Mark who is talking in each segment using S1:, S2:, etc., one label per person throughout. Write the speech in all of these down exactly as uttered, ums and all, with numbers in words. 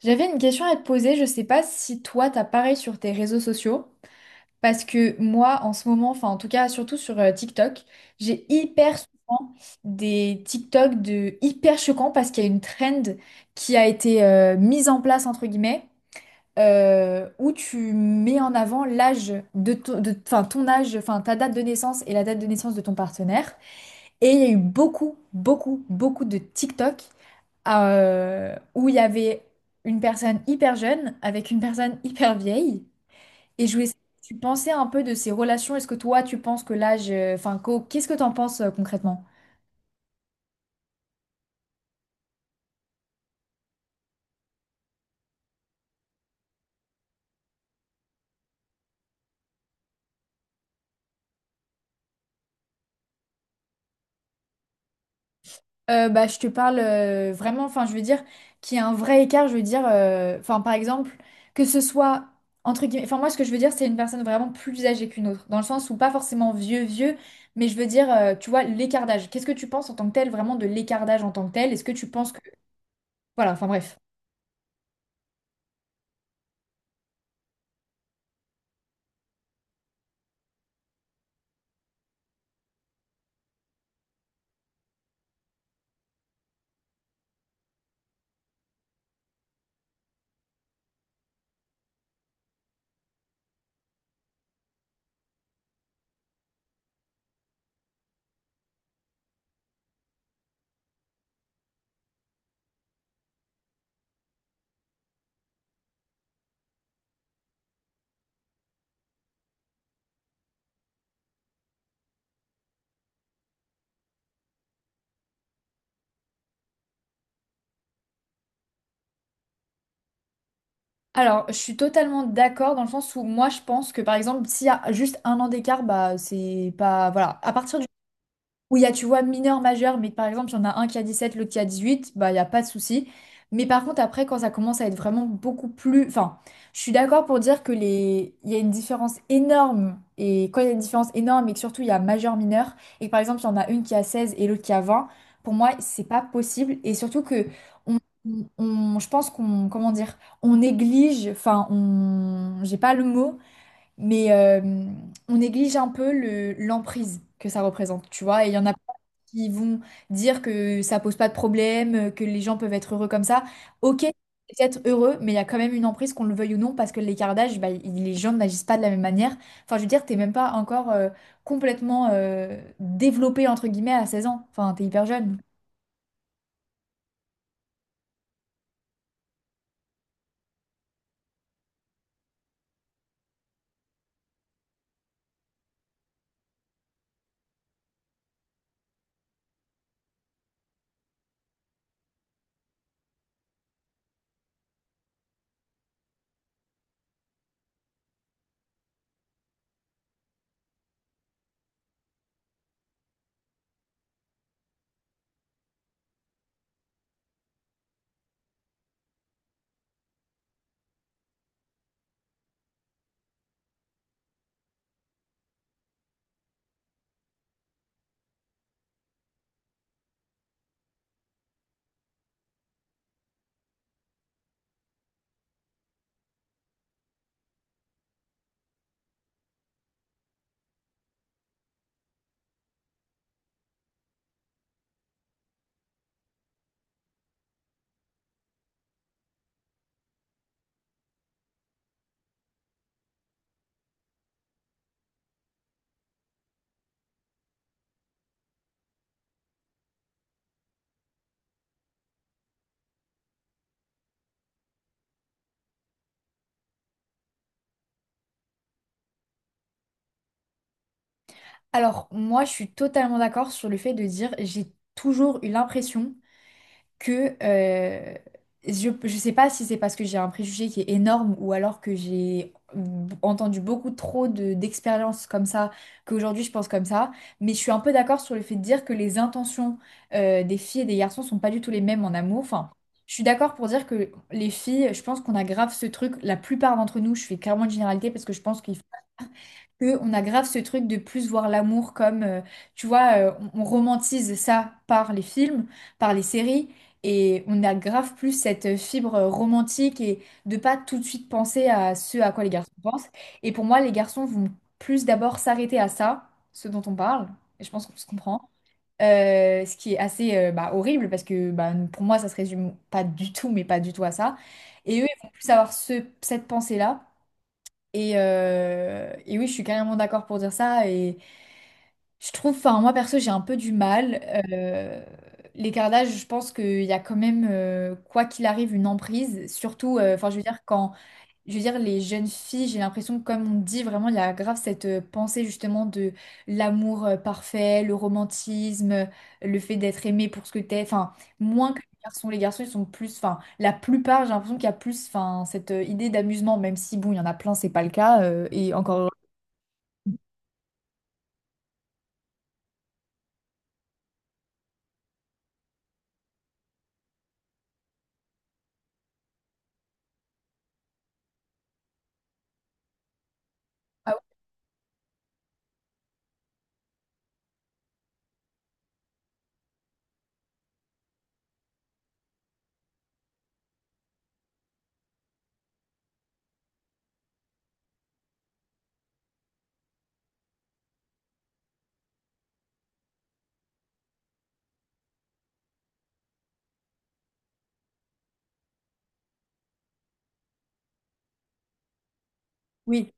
S1: J'avais une question à te poser, je sais pas si toi t'as pareil sur tes réseaux sociaux, parce que moi en ce moment, enfin en tout cas surtout sur euh, TikTok, j'ai hyper souvent des TikTok de hyper choquants parce qu'il y a une trend qui a été euh, mise en place entre guillemets euh, où tu mets en avant l'âge de ton, de, enfin, ton âge, enfin, ta date de naissance et la date de naissance de ton partenaire. Et il y a eu beaucoup, beaucoup, beaucoup de TikTok euh, où il y avait une personne hyper jeune avec une personne hyper vieille. Et je voulais savoir ce tu pensais un peu de ces relations. Est-ce que toi, tu penses que l'âge, euh, Enfin, qu'au- qu'est-ce que tu en penses euh, concrètement? Euh, bah, je te parle euh, vraiment, enfin, je veux dire qu'il y a un vrai écart, je veux dire, euh, enfin, par exemple, que ce soit entre guillemets, enfin, moi, ce que je veux dire, c'est une personne vraiment plus âgée qu'une autre, dans le sens où pas forcément vieux, vieux, mais je veux dire, euh, tu vois, l'écart d'âge. Qu'est-ce que tu penses en tant que tel, vraiment de l'écart d'âge en tant que tel? Est-ce que tu penses que... Voilà, enfin, bref. Alors, je suis totalement d'accord dans le sens où moi, je pense que, par exemple, s'il y a juste un an d'écart, bah, c'est pas... Voilà. À partir du où il y a, tu vois, mineur, majeur, mais que, par exemple, il y en a un qui a dix sept, l'autre qui a dix huit, bah, il n'y a pas de souci. Mais par contre, après, quand ça commence à être vraiment beaucoup plus... Enfin, je suis d'accord pour dire que les... il y a une différence énorme. Et quand il y a une différence énorme et que surtout, il y a majeur, mineur, et que, par exemple, il y en a une qui a seize et l'autre qui a vingt, pour moi, c'est pas possible. Et surtout que... on- on- je pense qu'on, comment dire, on néglige, enfin, on, j'ai pas le mot, mais euh, on néglige un peu le, l'emprise que ça représente, tu vois. Et il y en a qui vont dire que ça pose pas de problème, euh, que les gens peuvent être heureux comme ça. Ok, c'est peut-être heureux, mais il y a quand même une emprise, qu'on le veuille ou non, parce que l'écart d'âge, bah, il... les gens n'agissent pas de la même manière. Enfin, je veux dire, t'es même pas encore euh, complètement euh, développé, entre guillemets, à seize ans. Enfin, t'es hyper jeune. Alors, moi, je suis totalement d'accord sur le fait de dire, j'ai toujours eu l'impression que euh, je ne sais pas si c'est parce que j'ai un préjugé qui est énorme ou alors que j'ai entendu beaucoup trop de, d'expériences comme ça, qu'aujourd'hui je pense comme ça, mais je suis un peu d'accord sur le fait de dire que les intentions euh, des filles et des garçons sont pas du tout les mêmes en amour. Enfin, je suis d'accord pour dire que les filles, je pense qu'on a grave ce truc, la plupart d'entre nous, je fais clairement une généralité parce que je pense que que on a grave ce truc de plus voir l'amour comme, euh, tu vois, euh, on, on romantise ça par les films, par les séries, et on a grave plus cette fibre romantique et de pas tout de suite penser à ce à quoi les garçons pensent. Et pour moi, les garçons vont plus d'abord s'arrêter à ça, ce dont on parle, et je pense qu'on se comprend. Euh, ce qui est assez euh, bah, horrible parce que bah, pour moi ça se résume pas du tout mais pas du tout à ça et eux ils vont plus avoir ce, cette pensée-là et, euh, et oui, je suis carrément d'accord pour dire ça. Et je trouve, enfin, moi perso, j'ai un peu du mal. Euh, L'écart d'âge, je pense qu'il y a quand même, euh, quoi qu'il arrive, une emprise. Surtout, euh, enfin, je veux dire, quand je veux dire, les jeunes filles, j'ai l'impression que, comme on dit, vraiment, il y a grave cette euh, pensée justement de l'amour euh, parfait, le romantisme, euh, le fait d'être aimé pour ce que t'es. Enfin, moins que les garçons. Les garçons, ils sont plus. Enfin, la plupart, j'ai l'impression qu'il y a plus enfin, cette euh, idée d'amusement, même si, bon, il y en a plein, c'est pas le cas. Euh, et encore. Ah oui. Oui.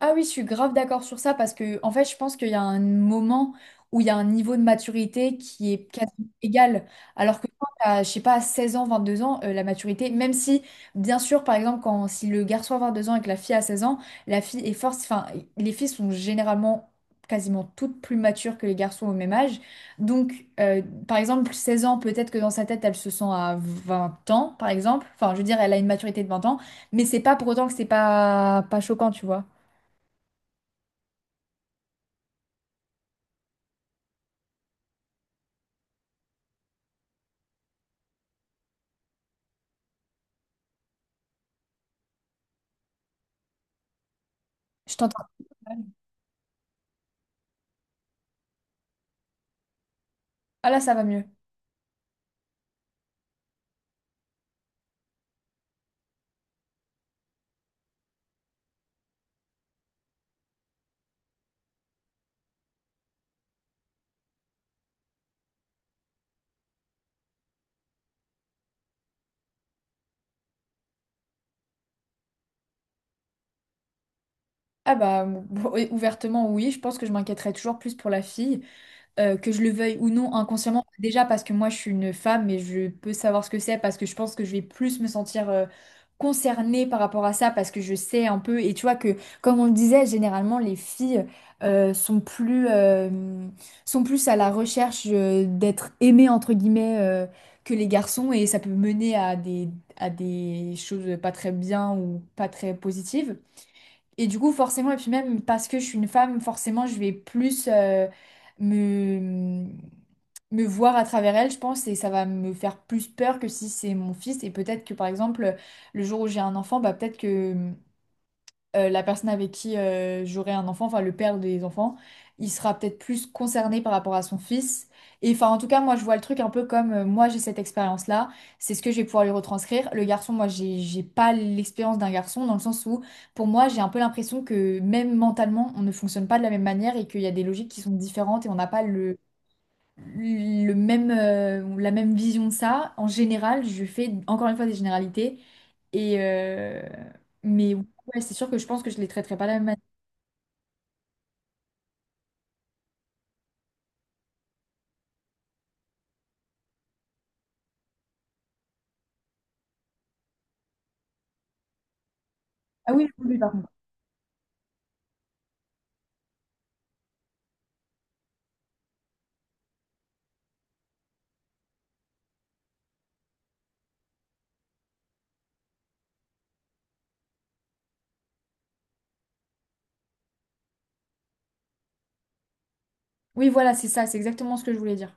S1: Ah oui, je suis grave d'accord sur ça parce que, en fait, je pense qu'il y a un moment où il y a un niveau de maturité qui est quasi égal. Alors que quand t'as, je sais pas, seize ans, vingt-deux ans, euh, la maturité, même si, bien sûr, par exemple, quand, si le garçon a deux ans et que la fille a seize ans, la fille est force, enfin, les filles sont généralement quasiment toutes plus matures que les garçons au même âge. Donc, euh, par exemple, seize ans, peut-être que dans sa tête, elle se sent à vingt ans, par exemple. Enfin, je veux dire, elle a une maturité de vingt ans, mais c'est pas pour autant que c'est pas, pas choquant, tu vois. Je t'entends. Ah là, ça va mieux. Ah bah, bon, et ouvertement, oui, je pense que je m'inquiéterais toujours plus pour la fille, euh, que je le veuille ou non inconsciemment. Déjà parce que moi, je suis une femme et je peux savoir ce que c'est, parce que je pense que je vais plus me sentir euh, concernée par rapport à ça, parce que je sais un peu. Et tu vois que, comme on le disait, généralement, les filles euh, sont plus, euh, sont plus à la recherche euh, d'être aimées, entre guillemets, euh, que les garçons, et ça peut mener à des, à des choses pas très bien ou pas très positives. Et du coup, forcément, et puis même parce que je suis une femme, forcément, je vais plus euh, me, me voir à travers elle, je pense, et ça va me faire plus peur que si c'est mon fils. Et peut-être que, par exemple, le jour où j'ai un enfant, bah, peut-être que euh, la personne avec qui euh, j'aurai un enfant, enfin le père des enfants, il sera peut-être plus concerné par rapport à son fils. Et enfin, en tout cas, moi, je vois le truc un peu comme euh, moi, j'ai cette expérience-là, c'est ce que je vais pouvoir lui retranscrire. Le garçon, moi, j'ai, j'ai pas l'expérience d'un garçon, dans le sens où, pour moi, j'ai un peu l'impression que même mentalement, on ne fonctionne pas de la même manière et qu'il y a des logiques qui sont différentes et on n'a pas le le même, euh, la même vision de ça. En général, je fais encore une fois des généralités. Et euh, mais ouais, c'est sûr que je pense que je les traiterai pas de la même manière. Ah oui, oui, oui, pardon. Oui, voilà, c'est ça, c'est exactement ce que je voulais dire.